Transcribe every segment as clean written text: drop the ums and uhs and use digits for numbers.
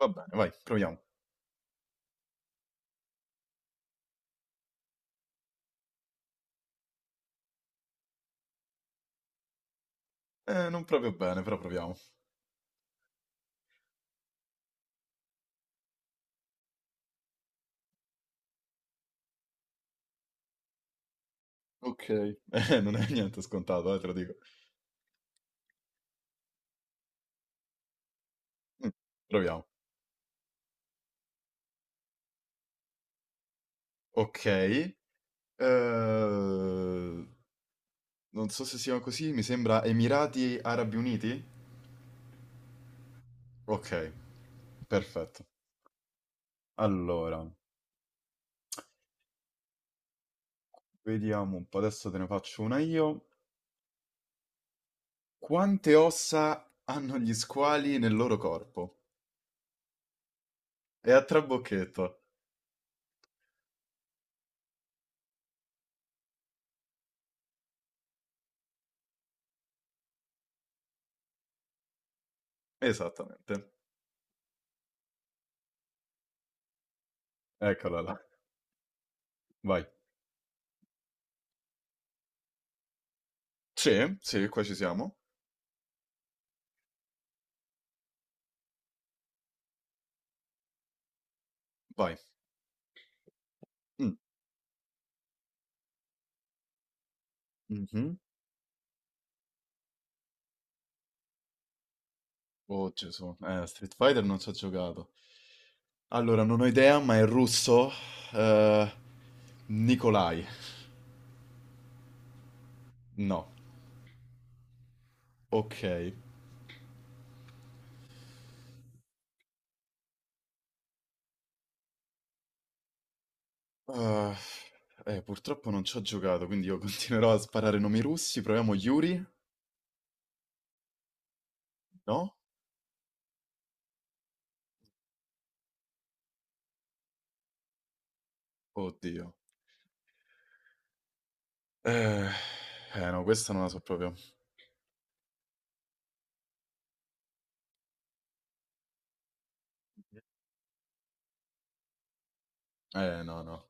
Va bene, vai, proviamo. Non proprio bene, però proviamo. Ok. Non è niente scontato, te lo dico. Mm, proviamo. Ok. eh, non so se sia così, mi sembra Emirati Arabi Uniti? Ok, perfetto. Allora, vediamo un po', adesso te ne faccio una io. Quante ossa hanno gli squali nel loro corpo? E a trabocchetto. Esattamente. Eccola là. Vai. Sì, sì, qua ci siamo. Vai. Mm. Mhm. Oh Gesù, Street Fighter non ci ho giocato. Allora, non ho idea, ma è russo. Eh, Nikolai. No. Ok. Purtroppo non ci ho giocato, quindi io continuerò a sparare nomi russi. Proviamo Yuri? No? Oddio. Eh, eh, no, questa non la so proprio. No, no.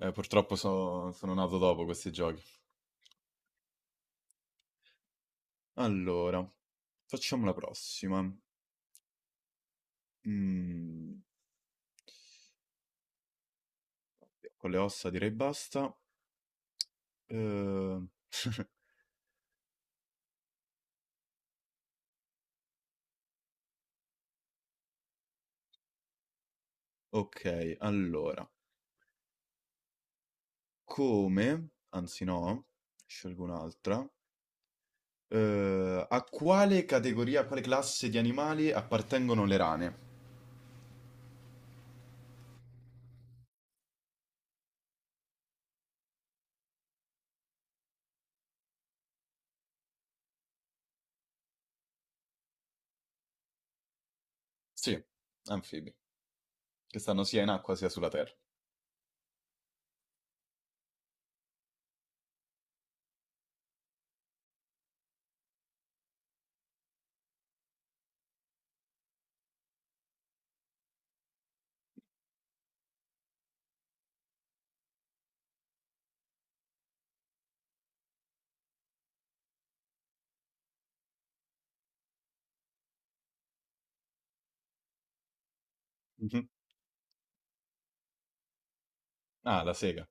Purtroppo sono nato dopo questi giochi. Allora, facciamo la prossima. Mm, con le ossa direi basta. Uhm, okay, allora, come anzi no, scelgo un'altra. A quale classe di animali appartengono le rane? Sì, anfibi, che stanno sia in acqua sia sulla terra. Mh-mh. Ah, la sega,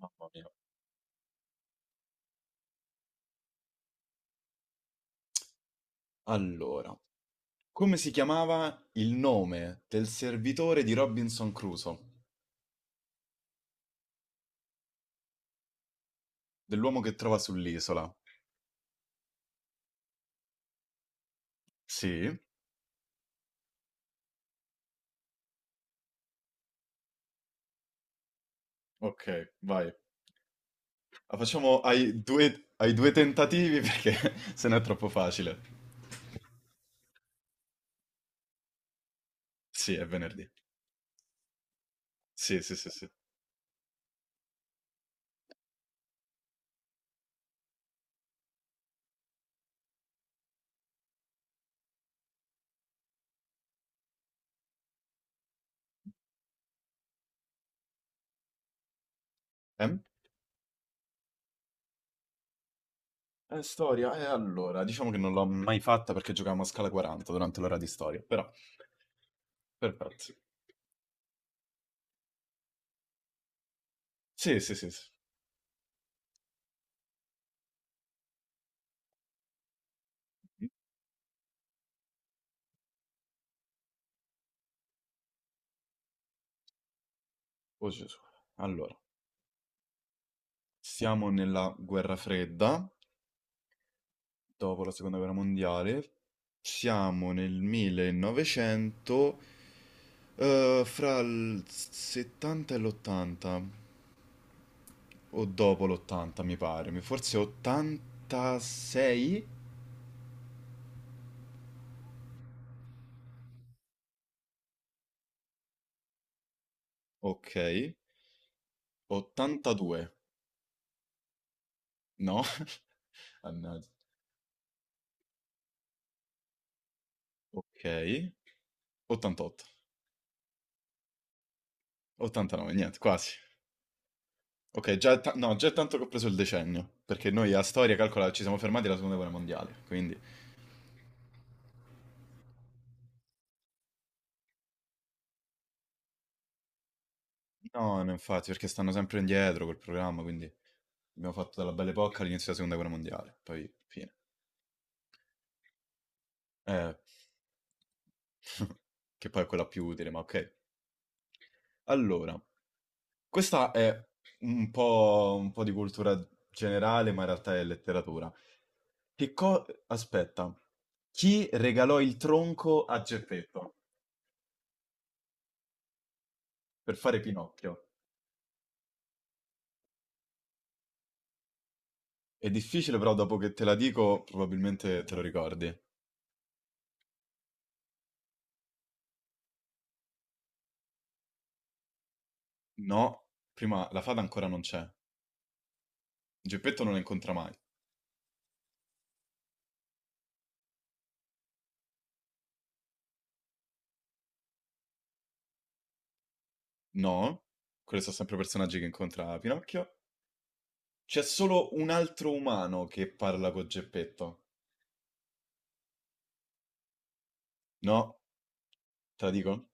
mamma mia. Allora, come si chiamava il nome del servitore di Robinson Crusoe, dell'uomo che trova sull'isola? Sì, okay, vai. La facciamo ai due tentativi perché se no è troppo facile. Sì, è venerdì. Sì, sì, sì, sì. Ehm? Storia, e allora, diciamo che non l'ho mai fatta perché giocavamo a scala 40 durante l'ora di storia, però, perfetto. Sì, sì, sì, sì. Oh Gesù. Allora, siamo nella guerra fredda, dopo la seconda guerra mondiale, siamo nel 1900, fra il 70 e l'80. O dopo l'80 mi pare, forse 86? Ok, 82, no? Mannaggia. Ok, 88, 89, niente, quasi. Ok, già, no, già è tanto che ho preso il decennio, perché noi a storia, calcola, ci siamo fermati alla seconda guerra mondiale, quindi... No, no, infatti, perché stanno sempre indietro col programma, quindi abbiamo fatto dalla bella epoca all'inizio della seconda guerra mondiale, poi fine. Eh, che poi è quella più utile, ma ok. Allora, questa è un po' di cultura generale, ma in realtà è letteratura. Aspetta, chi regalò il tronco a Geppetto per fare Pinocchio? È difficile, però dopo che te la dico, probabilmente te lo ricordi. No, prima la fata ancora non c'è. Geppetto non la incontra mai. No, quelli sono sempre personaggi che incontra Pinocchio. C'è solo un altro umano che parla con Geppetto. No, te la dico?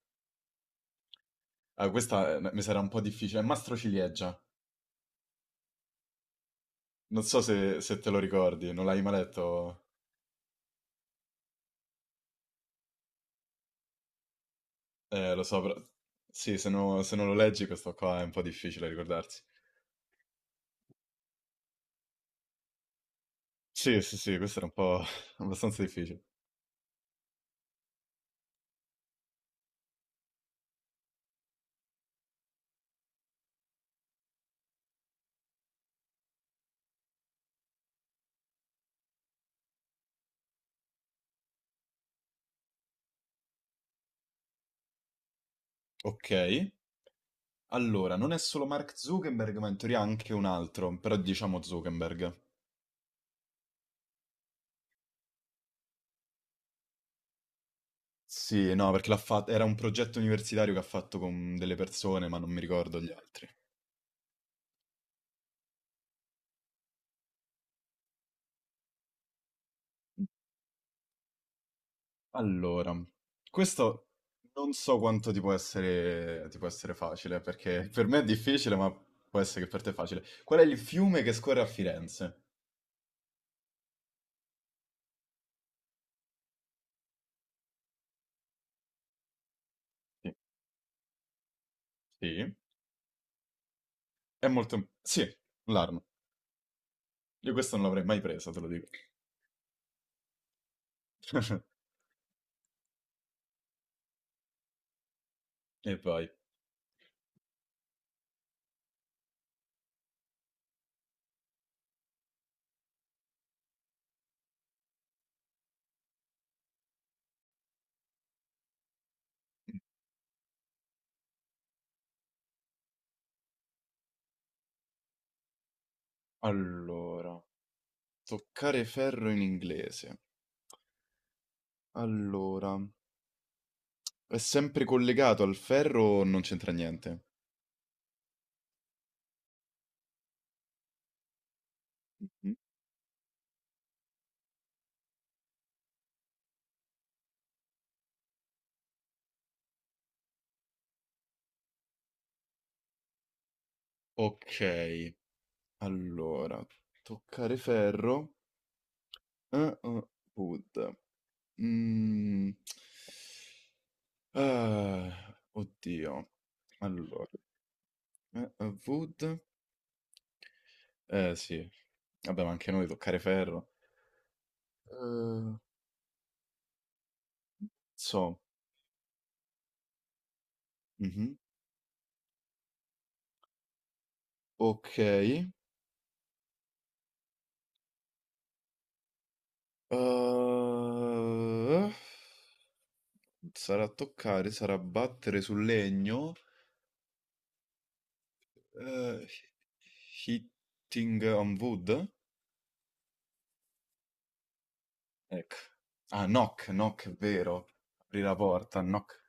Ah, questa mi sarà un po' difficile. Mastro Ciliegia. Non so se te lo ricordi, non l'hai mai letto? Lo so, però... Sì, se non lo leggi questo qua è un po' difficile ricordarsi. Sì, sì, sì, questo era un po' abbastanza difficile. Ok, allora, non è solo Mark Zuckerberg, ma in teoria anche un altro, però diciamo Zuckerberg. Sì, no, perché l'ha fatto, era un progetto universitario che ha fatto con delle persone, ma non mi ricordo gli altri. Allora, questo non so quanto ti può essere facile, perché per me è difficile, ma può essere che per te è facile. Qual è il fiume che scorre a Firenze? Sì, sì, sì, l'Arno. Io questo non l'avrei mai presa, te lo dico. E poi, allora, toccare ferro in inglese. Allora, è sempre collegato al ferro o non c'entra niente? Mm. Ok, allora, toccare ferro. Ah-ah, Pud. Mhmm, ah, oddio. Allora, ah-ah, Wood, eh sì, vabbè, ma anche noi toccare ferro. Uhm, so, mh-mh, okay. Uhm, sarà battere sul legno, uhm, hitting on wood? Ecco. Ah, knock, knock, è vero. Apri la porta, knock.